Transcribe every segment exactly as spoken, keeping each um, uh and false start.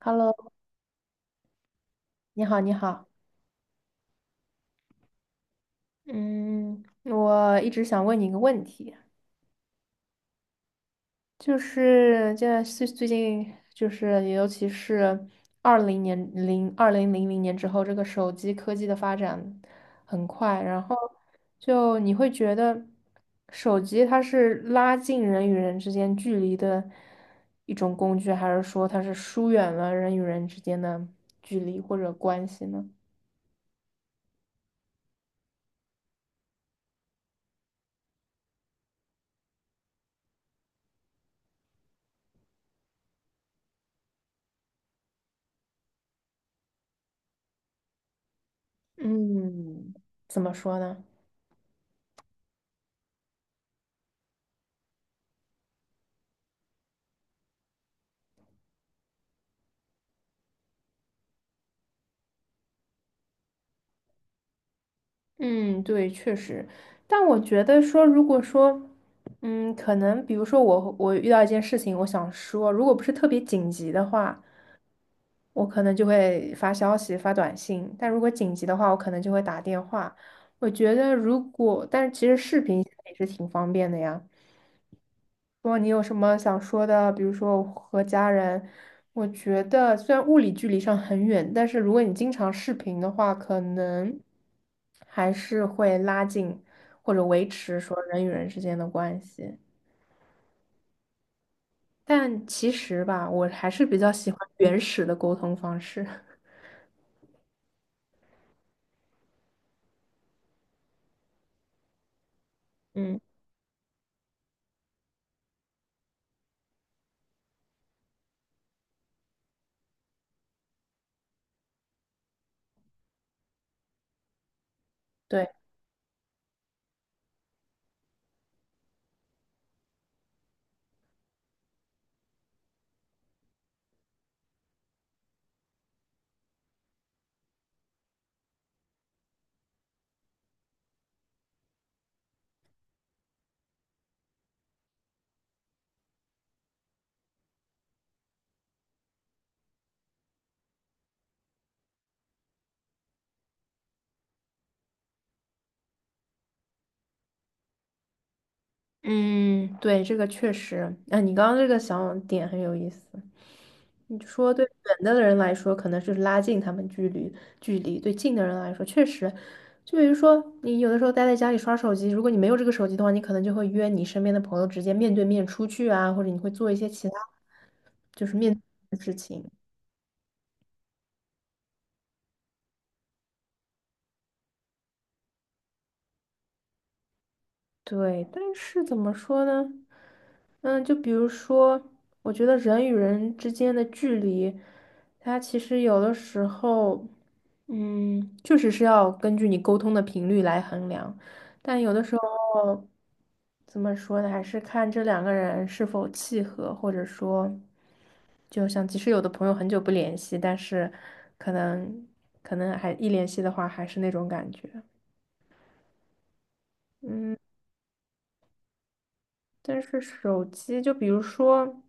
Hello，你好，你好。嗯，我一直想问你一个问题，就是现在最最近就是尤其是二零年零二零零零年之后，这个手机科技的发展很快，然后就你会觉得手机它是拉近人与人之间距离的一种工具，还是说它是疏远了人与人之间的距离或者关系呢？嗯，怎么说呢？嗯，对，确实，但我觉得说，如果说，嗯，可能比如说我我遇到一件事情，我想说，如果不是特别紧急的话，我可能就会发消息、发短信；但如果紧急的话，我可能就会打电话。我觉得如果，但是其实视频现在也是挺方便的呀。如果你有什么想说的，比如说我和家人，我觉得虽然物理距离上很远，但是如果你经常视频的话，可能还是会拉近或者维持说人与人之间的关系。但其实吧，我还是比较喜欢原始的沟通方式。嗯，对，嗯，对，这个确实，啊，你刚刚这个想点很有意思。你就说对远的人来说，可能是拉近他们距离距离；对近的人来说，确实，就比如说你有的时候待在家里刷手机，如果你没有这个手机的话，你可能就会约你身边的朋友直接面对面出去啊，或者你会做一些其他就是面对面的事情。对，但是怎么说呢？嗯，就比如说，我觉得人与人之间的距离，它其实有的时候，嗯，确实是要根据你沟通的频率来衡量，但有的时候，怎么说呢？还是看这两个人是否契合，或者说，就像即使有的朋友很久不联系，但是可能可能还一联系的话，还是那种感觉。嗯。但是手机，就比如说，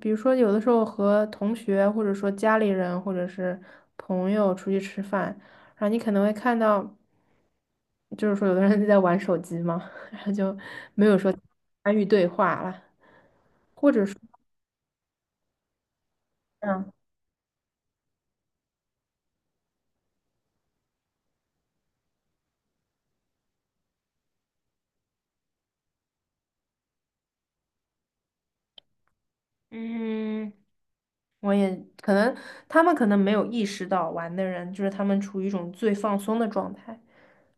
比如说有的时候和同学，或者说家里人，或者是朋友出去吃饭，然后你可能会看到，就是说有的人就在玩手机嘛，然后就没有说参与对话了。嗯嗯，我也可能他们可能没有意识到玩的人，就是他们处于一种最放松的状态，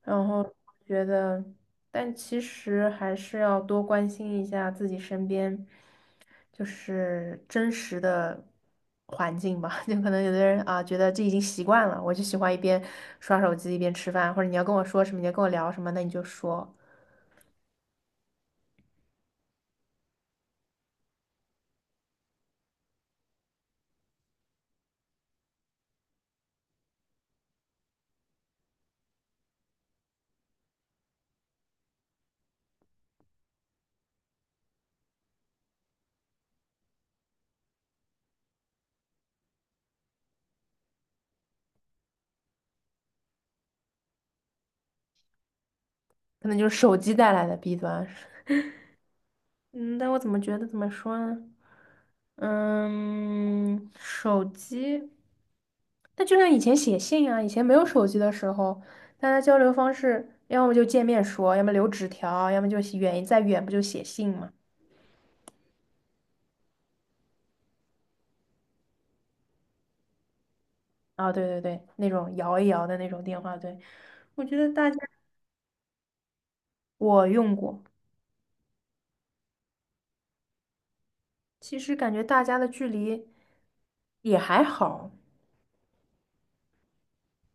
然后觉得，但其实还是要多关心一下自己身边。就是真实的环境吧。就可能有的人啊，觉得这已经习惯了，我就喜欢一边刷手机一边吃饭，或者你要跟我说什么，你要跟我聊什么，那你就说，可能就是手机带来的弊端。嗯，但我怎么觉得怎么说呢？嗯，手机，那就像以前写信啊，以前没有手机的时候，大家交流方式，要么就见面说，要么留纸条，要么就写远再远不就写信吗？啊，对对对，那种摇一摇的那种电话，对，我觉得大家 我用过，其实感觉大家的距离也还好，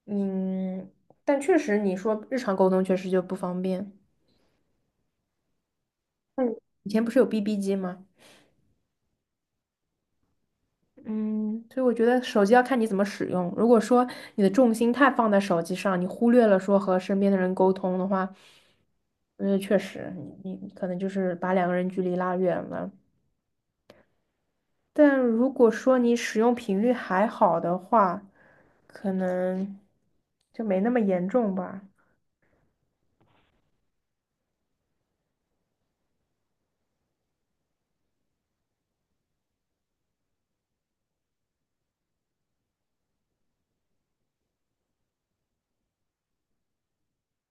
嗯，但确实你说日常沟通确实就不方便。嗯，以前不是有 B B 机吗？嗯，所以我觉得手机要看你怎么使用。如果说你的重心太放在手机上，你忽略了说和身边的人沟通的话，嗯，确实，你你可能就是把两个人距离拉远了。但如果说你使用频率还好的话，可能就没那么严重吧。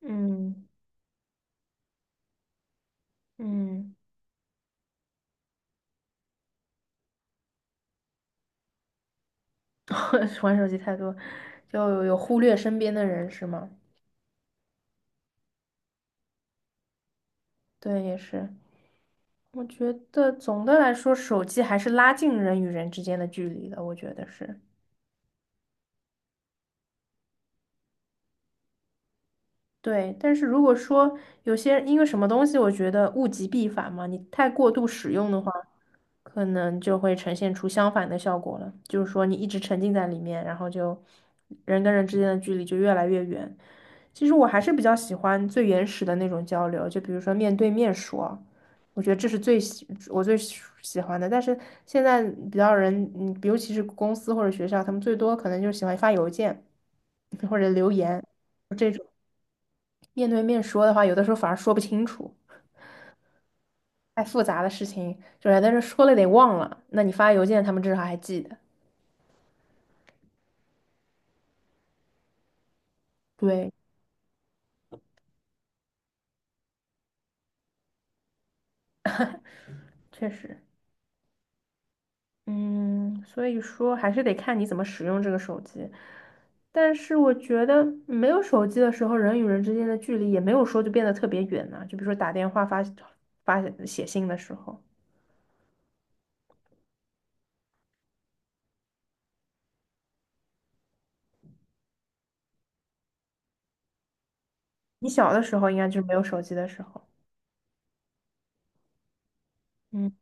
嗯嗯，玩手机太多，就有忽略身边的人是吗？对，也是。我觉得总的来说，手机还是拉近人与人之间的距离的，我觉得是。对，但是如果说有些因为什么东西，我觉得物极必反嘛，你太过度使用的话，可能就会呈现出相反的效果了。就是说，你一直沉浸在里面，然后就人跟人之间的距离就越来越远。其实我还是比较喜欢最原始的那种交流，就比如说面对面说，我觉得这是最喜我最喜喜欢的。但是现在比较人，嗯，尤其是公司或者学校，他们最多可能就喜欢发邮件或者留言。面对面说的话，有的时候反而说不清楚，太复杂的事情，就是但是说了得忘了，那你发邮件，他们至少还记得。对，确实，嗯，所以说还是得看你怎么使用这个手机。但是我觉得没有手机的时候，人与人之间的距离也没有说就变得特别远呢。就比如说打电话发、发写信的时候，你小的时候应该就是没有手机的时候，嗯。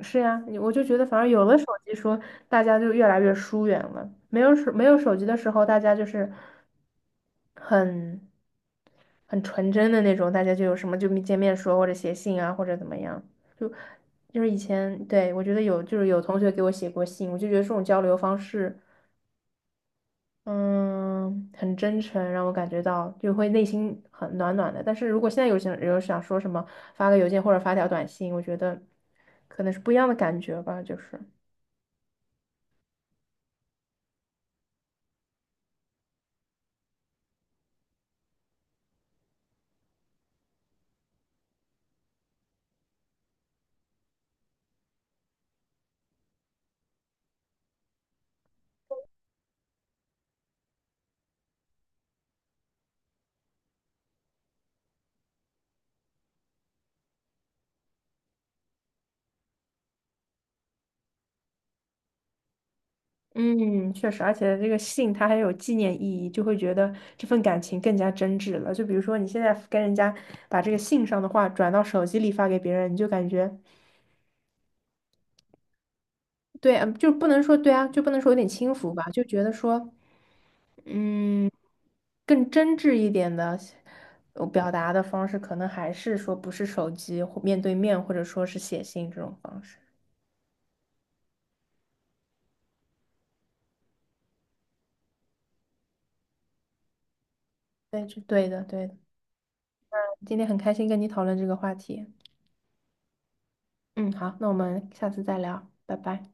是呀，你我就觉得，反而有了手机说，大家就越来越疏远了。没有手没有手机的时候，大家就是很很纯真的那种，大家就有什么就见面说，或者写信啊，或者怎么样。就就是以前，对，我觉得有，就是有同学给我写过信，我就觉得这种交流方式，嗯，很真诚，让我感觉到就会内心很暖暖的。但是如果现在有想有想说什么，发个邮件或者发条短信，我觉得可能是不一样的感觉吧，就是。嗯，确实，而且这个信它还有纪念意义，就会觉得这份感情更加真挚了。就比如说你现在跟人家把这个信上的话转到手机里发给别人，你就感觉对，嗯就不能说对啊，就不能说有点轻浮吧，就觉得说，嗯，更真挚一点的呃表达的方式，可能还是说不是手机或面对面，或者说是写信这种方式。对，就对的，对的。今天很开心跟你讨论这个话题。嗯，好，那我们下次再聊，拜拜。